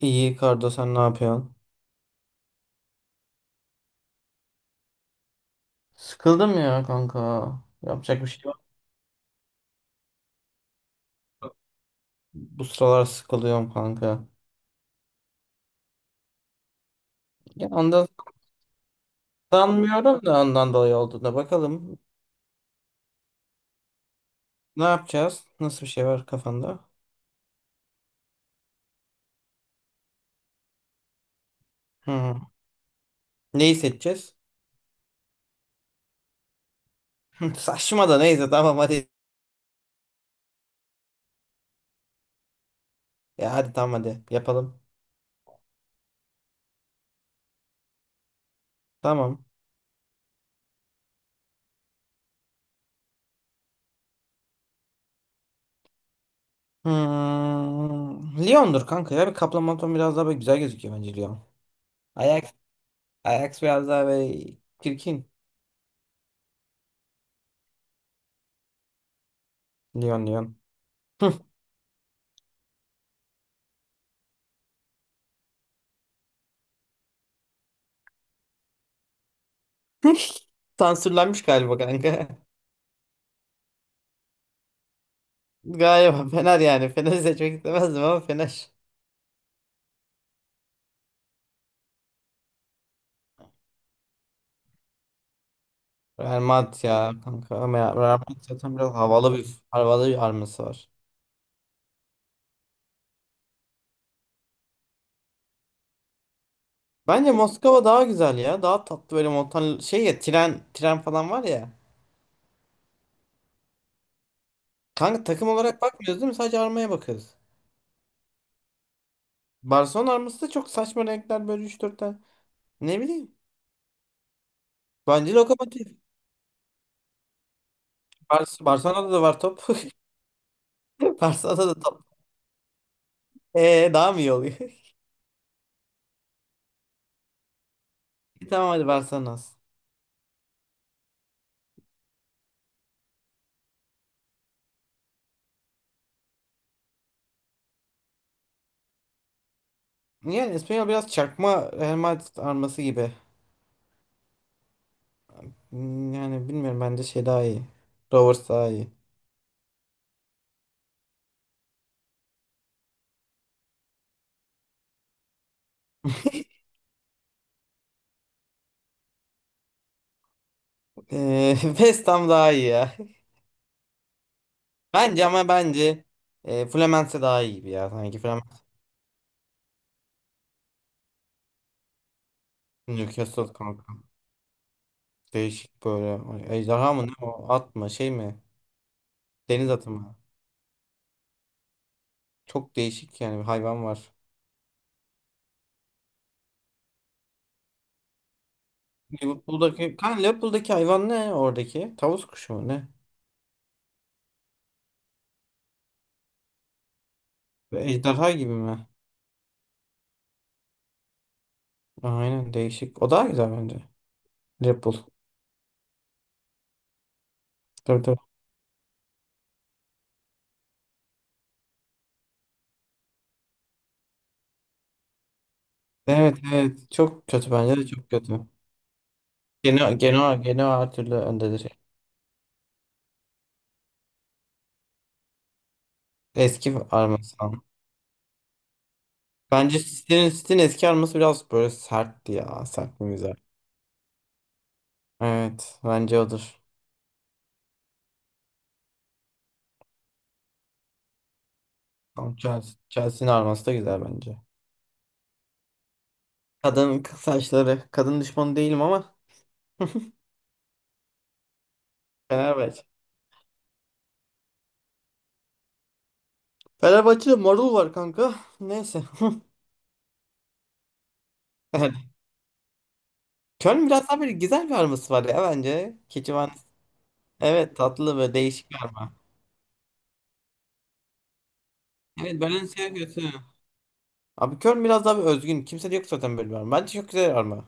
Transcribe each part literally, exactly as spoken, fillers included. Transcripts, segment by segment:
İyi Kardo sen ne yapıyorsun? Sıkıldım ya kanka. Yapacak bir şey yok. Bu sıralar sıkılıyorum kanka. Ya ondan sanmıyorum da ondan dolayı olduğuna bakalım. Ne yapacağız? Nasıl bir şey var kafanda? Hı. Neyi seçeceğiz? Saçma da neyse tamam hadi. Ya hadi tamam hadi yapalım. Tamam. Hmm. Lyon'dur kanka ya. Bir Kaplamaton biraz daha böyle güzel gözüküyor bence Lyon. Ajax, Ajax biraz daha böyle çirkin. Lyon Lyon. Sansürlenmiş galiba kanka. Galiba Fener yani. Fener'i seçmek istemezdim ama Fener. Real Madrid ya kanka. Ama ya Real Madrid zaten biraz havalı bir havalı bir arması var. Bence Moskova daha güzel ya. Daha tatlı böyle montan şey ya tren tren falan var ya. Kanka takım olarak bakmıyoruz değil mi? Sadece armaya bakıyoruz. Barcelona arması da çok saçma renkler böyle üç dört tane. Ne bileyim. Bence Lokomotiv. Bar- Barcelona'da da var top. Barcelona'da da top. Ee daha mı iyi oluyor? Tamam hadi Barcelona. Yani İspanyol biraz çakma Real Madrid arması gibi. Hmm, Yani bilmiyorum bence şey daha iyi. Rovers daha iyi. Ee, West Ham daha iyi ya. Bence ama bence e, Fluminense daha iyi gibi ya. Sanki Fluminense Newcastle kanka. Değişik böyle. Ay, Ejderha mı ne o? At mı? Şey mi? Deniz atı mı? Çok değişik yani bir hayvan var. Liverpool'daki, kan Liverpool'daki hayvan ne oradaki? Tavus kuşu mu ne? Ve Ejderha gibi mi? Aynen değişik. O daha güzel bence. Liverpool. Tabii tabii. Evet evet. Çok kötü bence de çok kötü. Genoa, Genoa, Genoa her türlü öndedir. Eski arması ama. Bence City'nin City'nin eski arması biraz böyle sertti ya. Sert bir mizah. Evet. Bence odur. Ama Chelsea, Chelsea'nin arması da güzel bence. Kadın kız saçları. Kadın düşmanı değilim ama. Fenerbahçe. Fenerbahçe'de marul var kanka. Neyse. Yani Köln biraz daha böyle güzel bir arması var ya bence. Keçivan. Evet tatlı ve değişik bir arma. Evet Balenciaga kötü. Abi Köln biraz daha bir özgün. Kimse de yok zaten böyle bir arma. Bence çok güzel bir arma.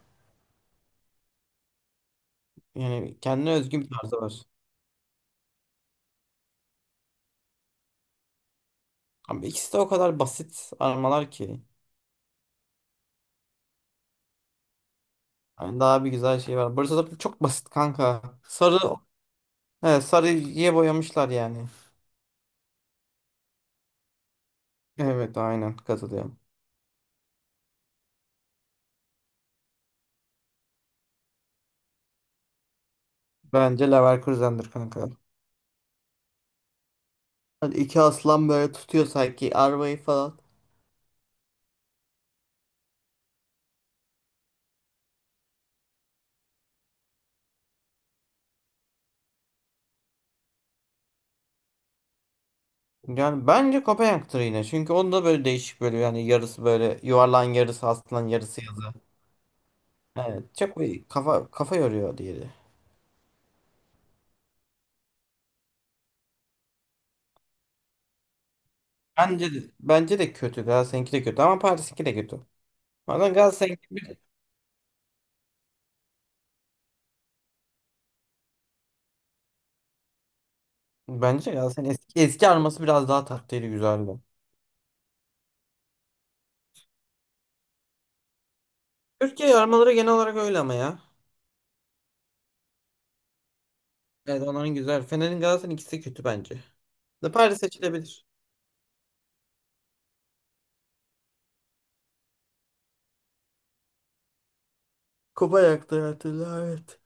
Yani kendine özgü bir tarzı var. Ama ikisi de o kadar basit armalar ki. Yani daha bir güzel şey var. Burası da çok basit kanka. Sarı, evet, sarıya boyamışlar yani. Evet aynen katılıyorum. Bence Leverkusen'dir kanka. Hadi iki aslan böyle tutuyor sanki arabayı falan. Yani bence Kopenhag'dır yine. Çünkü onda böyle değişik böyle yani yarısı böyle yuvarlan yarısı aslan yarısı yazı. Evet çok bir kafa kafa yoruyor diğeri. Bence de, bence de kötü. Galatasaray'ınki de kötü ama Paris'inki de kötü. Bazen Galatasaray'ın bence Galatasaray'ın eski, eski arması biraz daha tatlıydı güzeldi. Türkiye armaları genel olarak öyle ama ya. Evet onların güzel. Fener'in Galatasaray'ın ikisi kötü bence. De Paris seçilebilir. Kupa yaktı hatırla evet.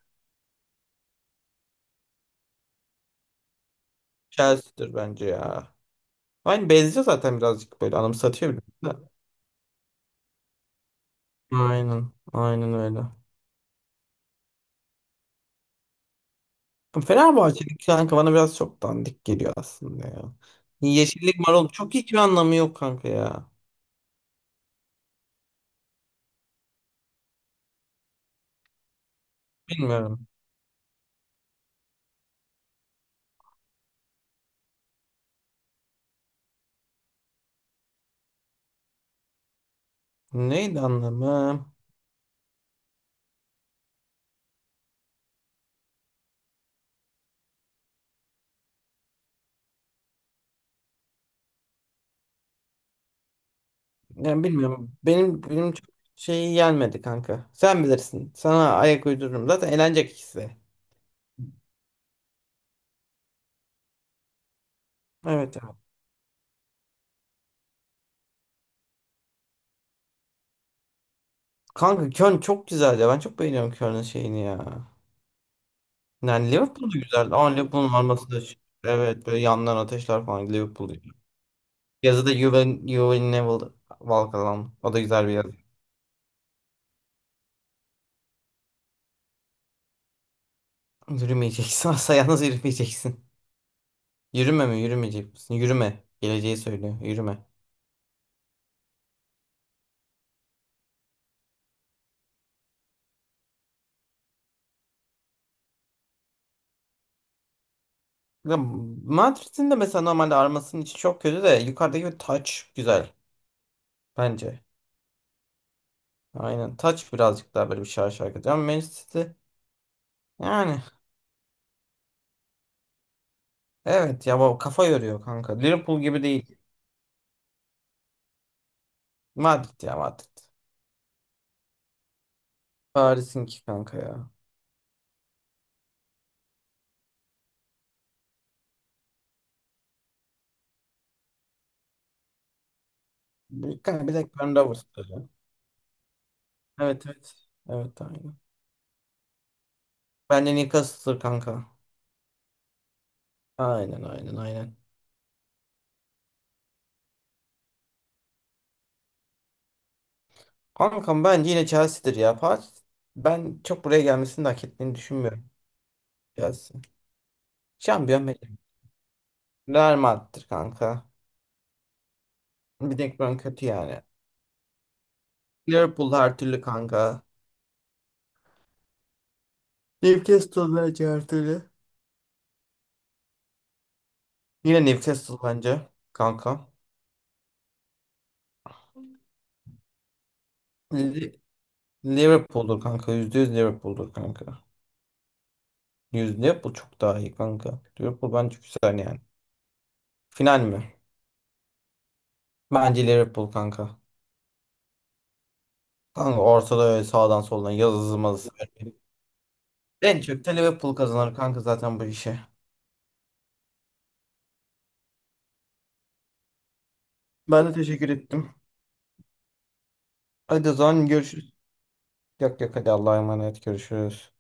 Chelsea'dir bence ya. Aynı benziyor zaten birazcık böyle anımsatıyor bile. Aynen. Aynen öyle. Fenerbahçe'nin kanka bana biraz çok dandik geliyor aslında ya. Yeşillik marul çok hiçbir anlamı yok kanka ya. Bilmiyorum. Neydi anlamı? Yani bilmiyorum. Benim benim çok şeyi gelmedi kanka. Sen bilirsin. Sana ayak uydururum. Zaten eğlenecek ikisi de. Evet evet. Kanka Köln çok güzel ya. Ben çok beğeniyorum Köln'ün şeyini ya. Yani Liverpool da güzel. Ama Liverpool'un arması da şey. Evet böyle yandan ateşler falan Liverpool'da. Yazı da You Will, you will Never Walk Alone. O da güzel bir yazı. Yürümeyeceksin. Asla yalnız yürümeyeceksin. Yürüme mi? Yürümeyecek misin? Yürüme. Geleceği söylüyor. Yürüme. Ya, Madrid'in de mesela normalde armasının içi çok kötü de yukarıdaki bir taç güzel bence. Aynen taç birazcık daha böyle bir şarj şarkı. Ama Manchester City yani evet ya bu kafa yoruyor kanka. Liverpool gibi değil. Madrid ya Madrid. Paris'inki kanka ya. Bir, kanka bir de Bernabeu stadı. Evet evet. Evet aynen. Bence Newcastle'dır kanka. Aynen aynen aynen. Kankam bence yine Chelsea'dir ya. Paris ben çok buraya gelmesini de hak ettiğini düşünmüyorum. Chelsea. Şampiyon Real Madrid kanka. Bir tek ben kötü yani. Liverpool her türlü kanka. Newcastle bence her türlü. Yine Newcastle bence kanka. Li- Liverpool'dur kanka. Yüzde yüz Liverpool'dur kanka. Yüzde Liverpool çok daha iyi kanka. Liverpool bence güzel yani. Final mi? Bence Liverpool kanka. Kanka ortada öyle sağdan soldan yazı mazı. En çok da Liverpool kazanır kanka zaten bu işe. Ben de teşekkür ettim. Hadi o zaman görüşürüz. Yok yok hadi Allah'a emanet görüşürüz.